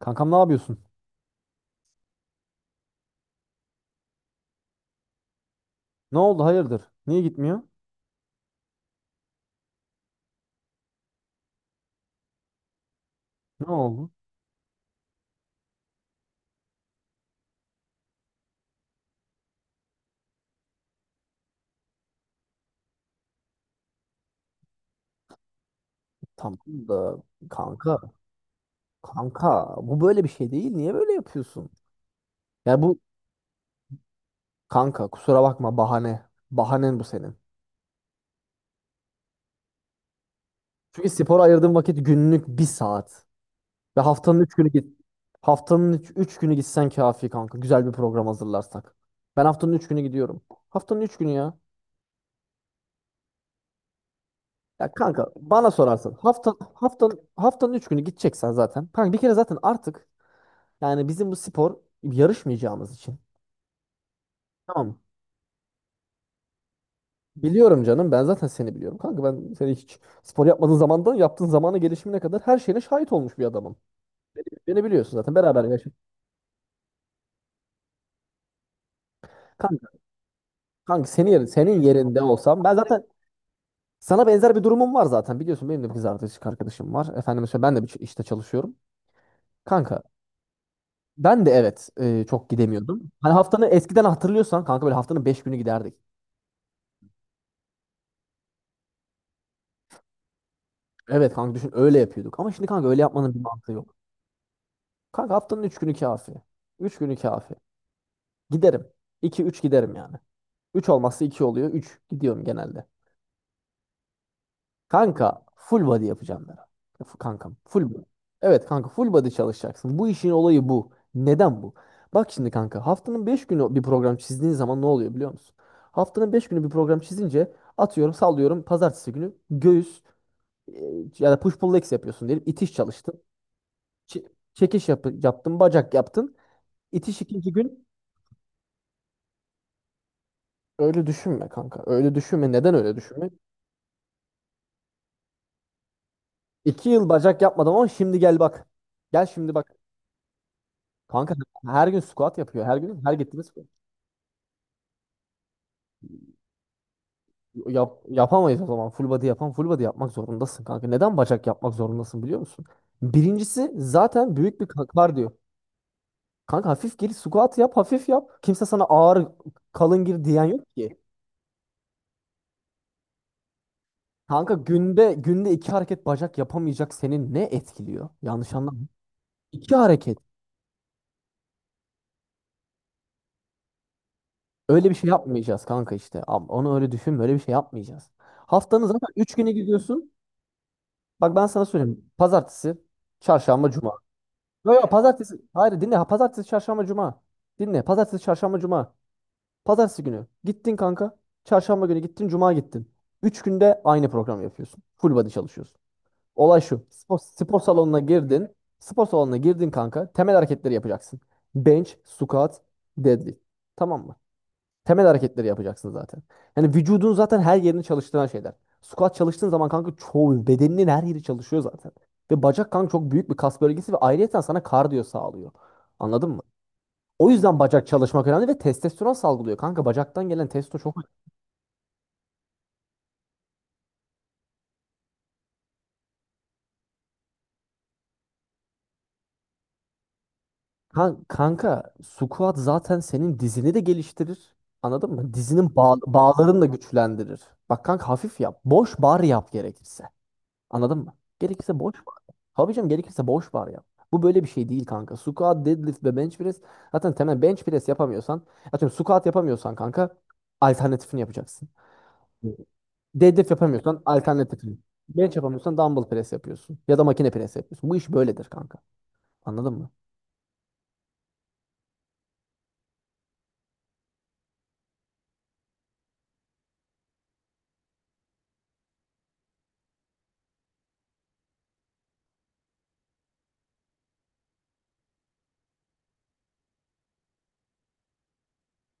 Kankam ne yapıyorsun? Ne oldu hayırdır? Niye gitmiyor? Ne oldu? Tamam da kanka, kanka bu böyle bir şey değil. Niye böyle yapıyorsun? Ya bu kanka kusura bakma bahane. Bahanen bu senin. Çünkü spora ayırdığın vakit günlük 1 saat. Ve haftanın 3 günü git. Haftanın üç günü gitsen kafi kanka. Güzel bir program hazırlarsak. Ben haftanın 3 günü gidiyorum. Haftanın üç günü ya. Ya kanka bana sorarsan haftanın üç günü gideceksen zaten. Kanka bir kere zaten artık, yani bizim bu spor yarışmayacağımız için. Tamam. Biliyorum canım, ben zaten seni biliyorum. Kanka ben seni hiç spor yapmadığın zamandan yaptığın zamana gelişimine kadar her şeyine şahit olmuş bir adamım. Beni biliyorsun zaten, beraber yaşadık. Kanka, kanka, senin yerinde olsam ben zaten sana benzer bir durumum var zaten. Biliyorsun, benim de bir kız arkadaşım var. Efendime söyleyeyim, ben de bir işte çalışıyorum. Kanka ben de evet, çok gidemiyordum. Hani haftanı eskiden hatırlıyorsan kanka böyle haftanın 5 günü giderdik. Evet kanka, düşün, öyle yapıyorduk. Ama şimdi kanka öyle yapmanın bir mantığı yok. Kanka haftanın 3 günü kafi. 3 günü kafi. Giderim. 2 3 giderim yani. Üç olmazsa 2 oluyor. 3 gidiyorum genelde. Kanka full body yapacağım ben. Kankam, full body. Evet kanka, full body çalışacaksın. Bu işin olayı bu. Neden bu? Bak şimdi kanka, haftanın 5 günü bir program çizdiğin zaman ne oluyor biliyor musun? Haftanın 5 günü bir program çizince atıyorum sallıyorum pazartesi günü göğüs, e, ya da push pull legs yapıyorsun diyelim. İtiş çalıştın. Ç- Çekiş yaptın. Bacak yaptın. İtiş ikinci gün. Öyle düşünme kanka. Öyle düşünme. Neden öyle düşünme? 2 yıl bacak yapmadım ama şimdi gel bak. Gel şimdi bak. Kanka her gün squat yapıyor. Her gün her gittiğimiz squat. Yapamayız o zaman. Full body yapmak zorundasın kanka. Neden bacak yapmak zorundasın biliyor musun? Birincisi zaten büyük bir kalk diyor. Kanka hafif gir, squat yap, hafif yap. Kimse sana ağır kalın gir diyen yok ki. Kanka günde iki hareket bacak yapamayacak senin ne etkiliyor? Yanlış anlama. İki hareket. Öyle bir şey yapmayacağız kanka işte. Onu öyle düşün. Böyle bir şey yapmayacağız. Haftanın zaten 3 güne gidiyorsun. Bak ben sana söyleyeyim. Pazartesi, çarşamba, cuma. Yok yok, pazartesi. Hayır, dinle. Ha, pazartesi, çarşamba, cuma. Dinle. Pazartesi, çarşamba, cuma. Pazartesi günü gittin kanka. Çarşamba günü gittin, cuma gittin. 3 günde aynı programı yapıyorsun. Full body çalışıyorsun. Olay şu. Spor salonuna girdin. Spor salonuna girdin kanka. Temel hareketleri yapacaksın. Bench, squat, deadlift. Tamam mı? Temel hareketleri yapacaksın zaten. Yani vücudun zaten her yerini çalıştıran şeyler. Squat çalıştığın zaman kanka çoğu bedeninin her yeri çalışıyor zaten. Ve bacak kanka çok büyük bir kas bölgesi ve ayrıyeten sana kardiyo sağlıyor. Anladın mı? O yüzden bacak çalışmak önemli ve testosteron salgılıyor. Kanka bacaktan gelen testo çok... Kanka squat zaten senin dizini de geliştirir. Anladın mı? Dizinin bağlarını da güçlendirir. Bak kanka, hafif yap. Boş bar yap gerekirse. Anladın mı? Gerekirse boş var. Tabii gerekirse boş var ya. Bu böyle bir şey değil kanka. Squat, deadlift ve bench press. Zaten temel bench press yapamıyorsan, atıyorum squat yapamıyorsan kanka alternatifini yapacaksın. Deadlift yapamıyorsan alternatifini. Bench yapamıyorsan dumbbell press yapıyorsun. Ya da makine press yapıyorsun. Bu iş böyledir kanka. Anladın mı?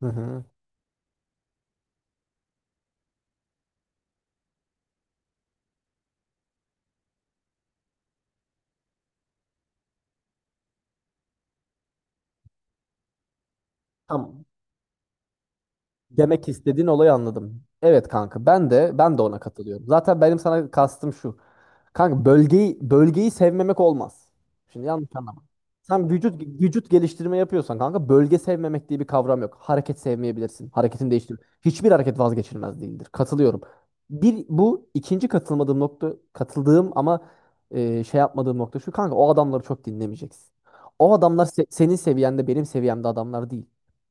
Hı hı. Tamam. Demek istediğin olayı anladım. Evet kanka, ben de ona katılıyorum. Zaten benim sana kastım şu. Kanka bölgeyi sevmemek olmaz. Şimdi yanlış anlama. Sen vücut geliştirme yapıyorsan kanka, bölge sevmemek diye bir kavram yok. Hareket sevmeyebilirsin. Hareketini değiştir. Hiçbir hareket vazgeçilmez değildir. Katılıyorum. Bir, bu ikinci katılmadığım nokta, katıldığım ama şey yapmadığım nokta şu kanka: o adamları çok dinlemeyeceksin. O adamlar senin seviyende benim seviyemde adamlar değil.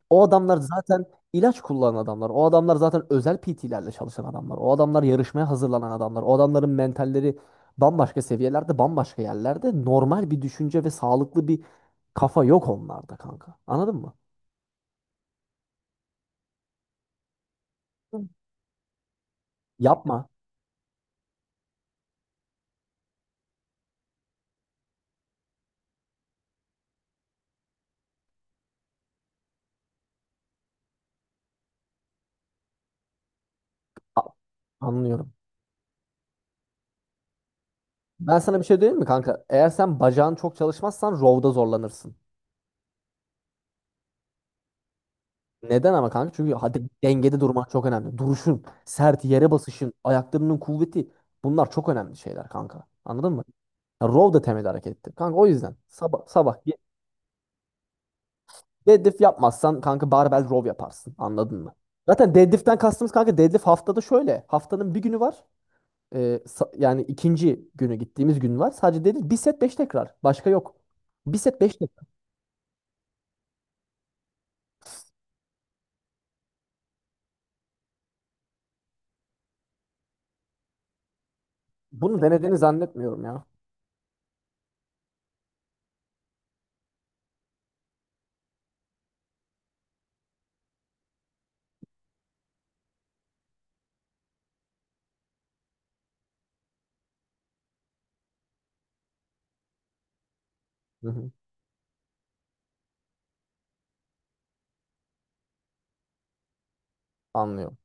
O adamlar zaten ilaç kullanan adamlar. O adamlar zaten özel PT'lerle çalışan adamlar. O adamlar yarışmaya hazırlanan adamlar. O adamların mentalleri bambaşka seviyelerde, bambaşka yerlerde. Normal bir düşünce ve sağlıklı bir kafa yok onlarda kanka. Anladın mı? Hı. Yapma. A- Anlıyorum. Ben sana bir şey diyeyim mi kanka? Eğer sen bacağın çok çalışmazsan rowda zorlanırsın. Neden ama kanka? Çünkü hadi, dengede durman çok önemli. Duruşun, sert yere basışın, ayaklarının kuvveti, bunlar çok önemli şeyler kanka. Anladın mı? Ya row da temel harekettir. Kanka o yüzden sabah sabah deadlift yapmazsan kanka barbell row yaparsın. Anladın mı? Zaten deadlift'ten kastımız kanka, deadlift haftada şöyle. Haftanın 1 günü var. Yani ikinci günü gittiğimiz gün var. Sadece deadlift 1 set 5 tekrar. Başka yok. 1 set 5 tekrar. Bunu denediğini zannetmiyorum ya. Hı hı. Anlıyorum.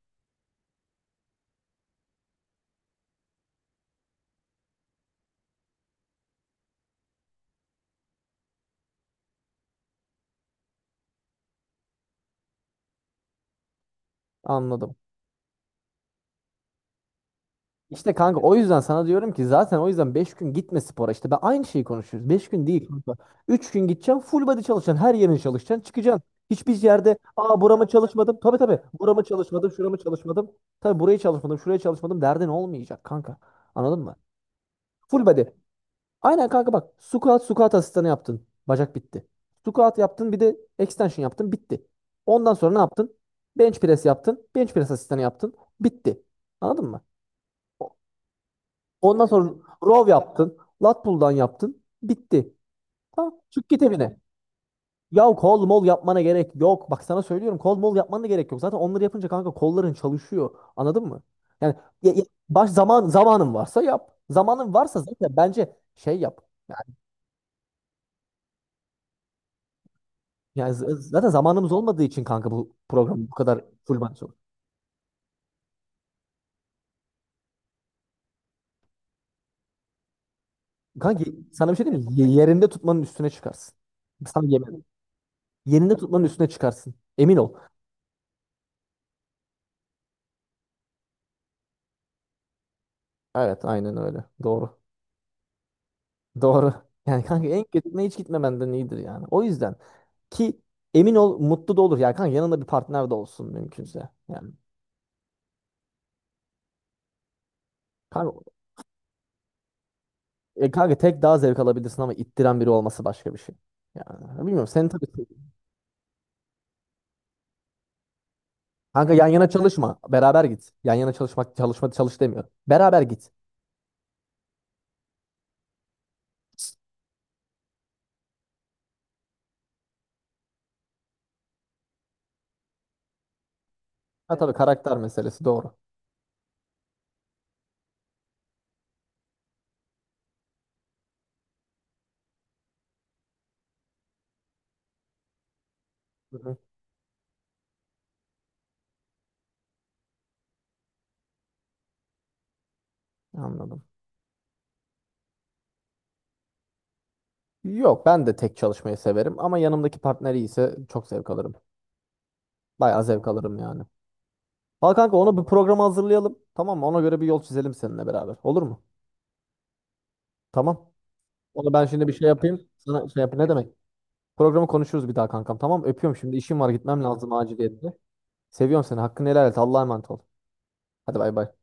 Anladım. İşte kanka o yüzden sana diyorum ki, zaten o yüzden 5 gün gitme spora. İşte ben aynı şeyi konuşuyoruz. 5 gün değil kanka. 3 gün gideceksin, full body çalışacaksın. Her yerin çalışacaksın. Çıkacaksın. Hiçbir yerde "aa, burama çalışmadım. Tabii tabii burama çalışmadım. Şurama çalışmadım. Tabii burayı çalışmadım. Şuraya çalışmadım" derdin olmayacak kanka. Anladın mı? Full body. Aynen kanka, bak. Squat, squat asistanı yaptın. Bacak bitti. Squat yaptın, bir de extension yaptın. Bitti. Ondan sonra ne yaptın? Bench press yaptın. Bench press asistanı yaptın. Bitti. Anladın mı? Ondan sonra row yaptın. Lat pull'dan yaptın. Bitti. Tamam. Çık git evine. Ya kol mol yapmana gerek yok. Bak sana söylüyorum, kol mol yapmana da gerek yok. Zaten onları yapınca kanka kolların çalışıyor. Anladın mı? Yani ya- ya- baş zaman zamanın varsa yap. Zamanın varsa zaten bence şey yap. Yani, yani, zaten zamanımız olmadığı için kanka bu program bu kadar full bench olur. Kanka sana bir şey diyeyim mi? Yerinde tutmanın üstüne çıkarsın. Sana yemin ederim. Yerinde tutmanın üstüne çıkarsın. Emin ol. Evet, aynen öyle. Doğru. Doğru. Yani kanka, en kötü hiç gitmemenden iyidir yani. O yüzden ki emin ol, mutlu da olur. Yani kanka, yanında bir partner de olsun mümkünse. Yani kanka, kanka, tek daha zevk alabilirsin ama ittiren biri olması başka bir şey. Yani bilmiyorum, sen tabii. Kanka yan yana çalışma. Beraber git. Yan yana çalışmak çalışma çalış demiyor. Beraber git. Ha tabii, karakter meselesi, doğru. Hı hı. Anladım. Yok, ben de tek çalışmayı severim ama yanımdaki partner iyiyse çok zevk alırım. Bayağı zevk alırım yani. Al kanka, ona bir program hazırlayalım. Tamam mı? Ona göre bir yol çizelim seninle beraber. Olur mu? Tamam. Onu ben şimdi bir şey yapayım. Sana şey yapayım. Ne demek? Programı konuşuruz bir daha kankam. Tamam. Öpüyorum şimdi. İşim var, gitmem lazım aciliyetle. Seviyorum seni. Hakkını helal et. Allah'a emanet ol. Hadi bay bay.